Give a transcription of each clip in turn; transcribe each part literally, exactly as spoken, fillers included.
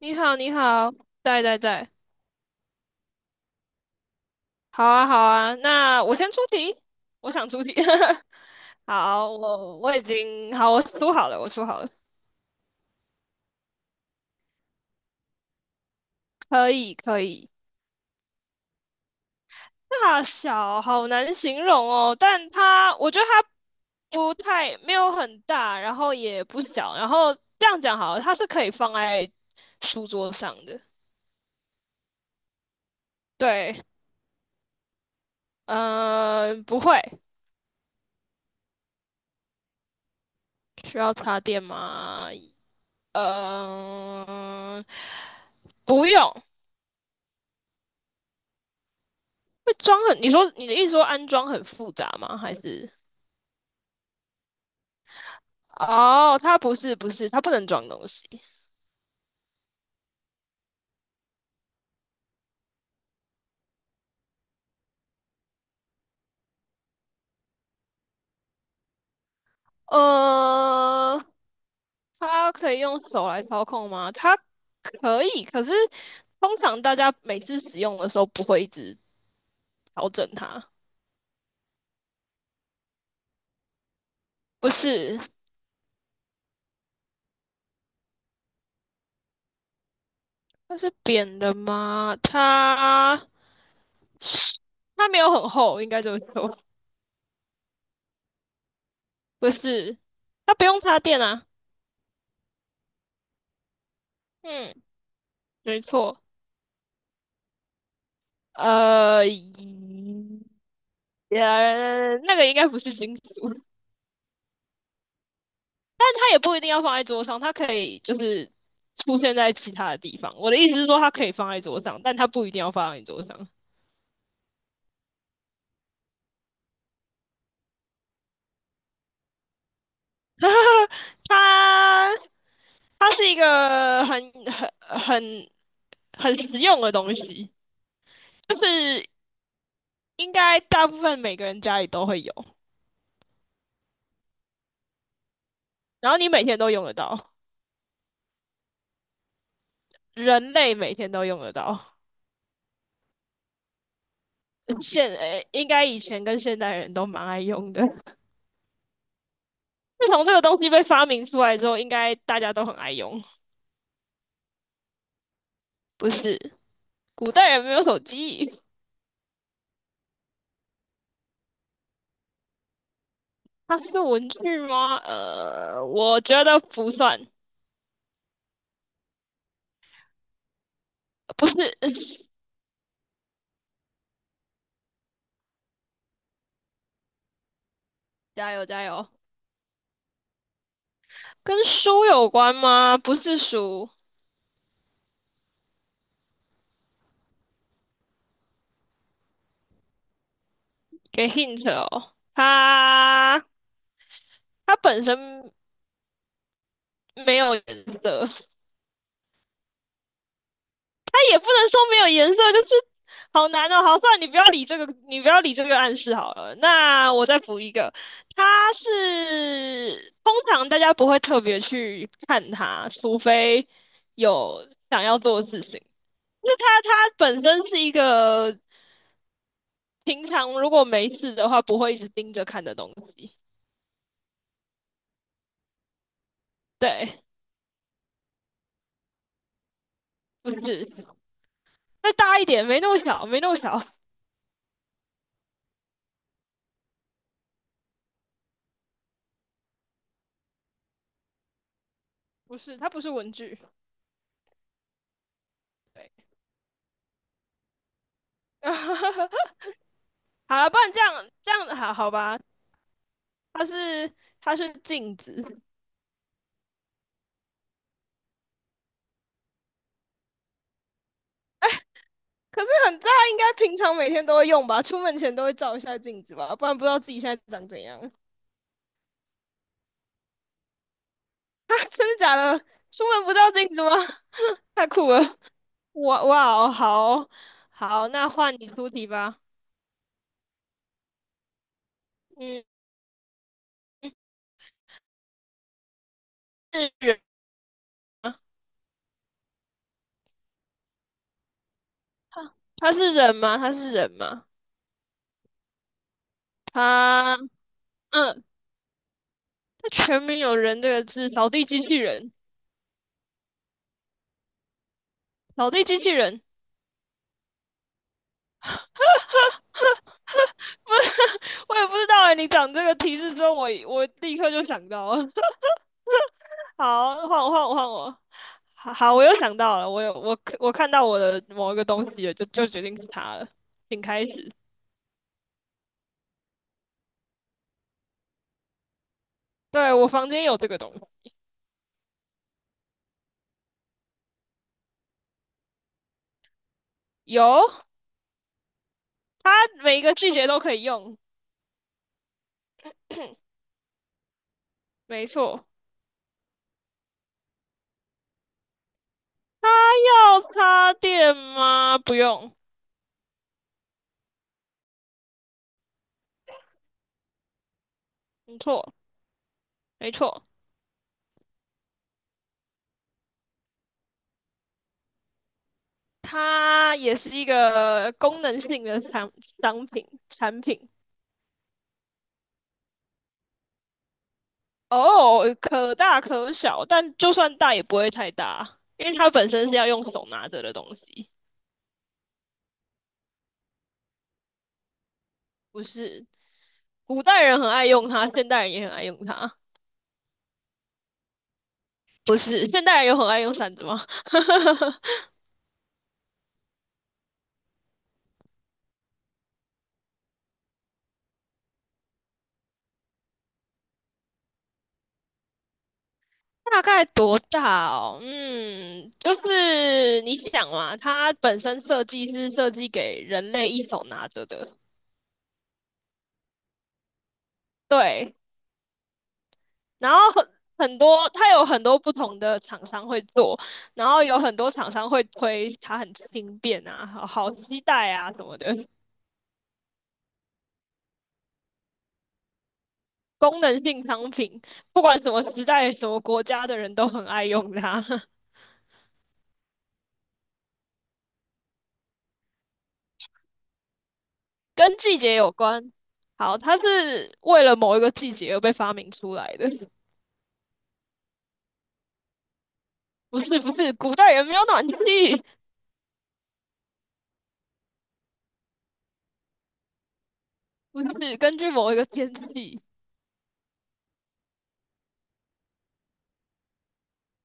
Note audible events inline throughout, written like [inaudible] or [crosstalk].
你好，你好。对对对。好啊，好啊，那我先出题，我想出题。[laughs] 好，我我已经好，我出好了，我出好了。可以可以。大小好难形容哦，但它我觉得它不太没有很大，然后也不小，然后这样讲好了，它是可以放在书桌上的。对。嗯、不会。需要插电吗？嗯、不用。会装很，你说你的意思说安装很复杂吗？还是？哦，它不是不是，它不能装东西。呃，它可以用手来操控吗？它可以，可是通常大家每次使用的时候不会一直调整它。不是。它是扁的吗？它它没有很厚，应该这么说。不是，它不用插电啊。嗯，没错。呃，呃，那个应该不是金属。[laughs] 但它也不一定要放在桌上，它可以就是出现在其他的地方。我的意思是说，它可以放在桌上，但它不一定要放在你桌上。[laughs] 它它是一个很很很很实用的东西，就是应该大部分每个人家里都会有，然后你每天都用得到，人类每天都用得到。现，呃，应该以前跟现代人都蛮爱用的。自从这个东西被发明出来之后，应该大家都很爱用。不是，古代人没有手机。它是文具吗？呃，我觉得不算。不是。 [laughs]。加油加油！跟书有关吗？不是书。给 hint 哦。它它本身没有颜色。[laughs] 也不能说没有颜色，就是好难哦。好，算了，你不要理这个，你不要理这个暗示好了。那我再补一个，它是通常大家不会特别去看它，除非有想要做的事情。就是它，它本身是一个平常如果没事的话不会一直盯着看的东西。对。不是，再大一点，没那么小，没那么小。[laughs] 不是，它不是文具。对。[laughs] 好了，不然这样这样好好吧。它是它是镜子。可是很大，应该平常每天都会用吧？出门前都会照一下镜子吧，不然不知道自己现在长怎样。[laughs] 啊，真的假的？出门不照镜子吗？[laughs] 太酷了！哇哇哦，好哦。好，那换你出题吧。嗯，是人吗？他他是人吗？他是人吗？他。嗯，他全名有人这个字，扫地机器人。扫地机器人。[laughs] 我也不知道哎，你讲这个提示之后，我我立刻就想到了。好，换我，换我，换我。好，好我又想到了，我有我我看到我的某一个东西了，就就决定是它了。请开始。对，我房间有这个东西。有。它每一个季节都可以用，没错。它要插电吗？不用。没错，没错。它也是一个功能性的产商品产品。哦，可大可小，但就算大也不会太大，因为它本身是要用手拿着的东西。不是，古代人很爱用它，现代人也很爱用它。不是，现代人有很爱用伞子吗？[laughs] 大概多大哦？嗯，就是你想嘛，它本身设计是设计给人类一手拿着的。对。然后很很多，它有很多不同的厂商会做，然后有很多厂商会推它很轻便啊，好好携带啊什么的，功能性商品，不管什么时代、什么国家的人都很爱用它。[laughs] 跟季节有关。好，它是为了某一个季节而被发明出来的。[laughs] 不是不是，古代人没有暖气。[laughs] 不是根据某一个天气。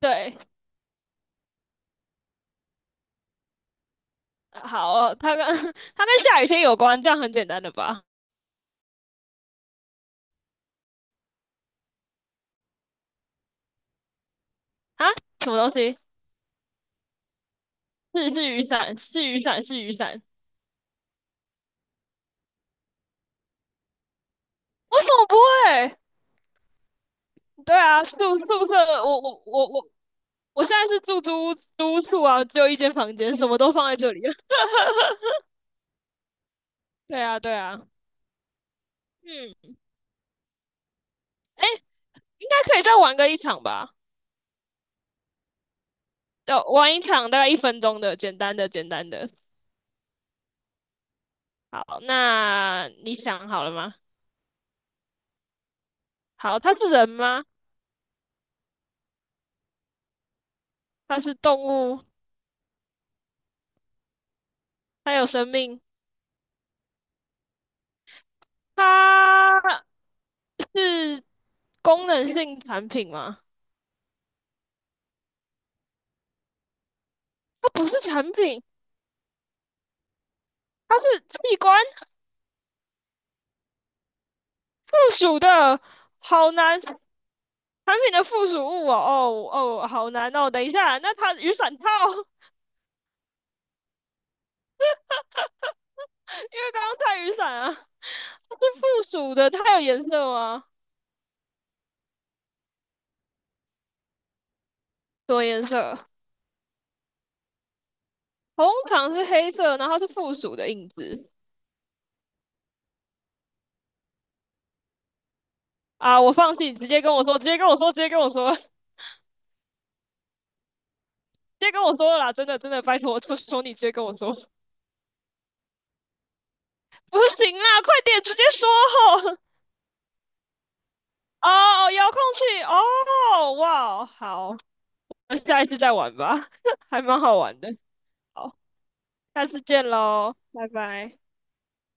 对。好，它跟 [laughs] 它跟下雨天有关，这样很简单的吧？啊，什么东西？是是雨伞，是雨伞，是雨伞。为什么不会？对啊。宿宿舍，我我我我，我现在是住租租屋处啊，只有一间房间，什么都放在这里。 [laughs] 对啊，对啊。嗯。哎，应该可以再玩个一场吧，就玩一场大概一分钟的，简单的，简单的。好，那你想好了吗？好，它是人吗？它是动物？它有生命？它是功能性产品吗？它不是产品，它是器官附属的，好难。产品的附属物哦，哦哦，好难哦。等一下，那它雨伞套。[laughs] 因为刚刚在雨伞啊，它是附属的，它有颜色吗？什么颜色？红糖是黑色，然后是附属的印子。啊！我放弃，直接跟我说，直接跟我说，直接跟我说，直接跟我说了啦！真的真的，拜托，求求你直接跟我说。[laughs] 不行啦，快点直接说吼！[laughs] 哦，遥控器哦，哇哦。好，那下一次再玩吧。[laughs] 还蛮好玩的。好，下次见喽，拜拜。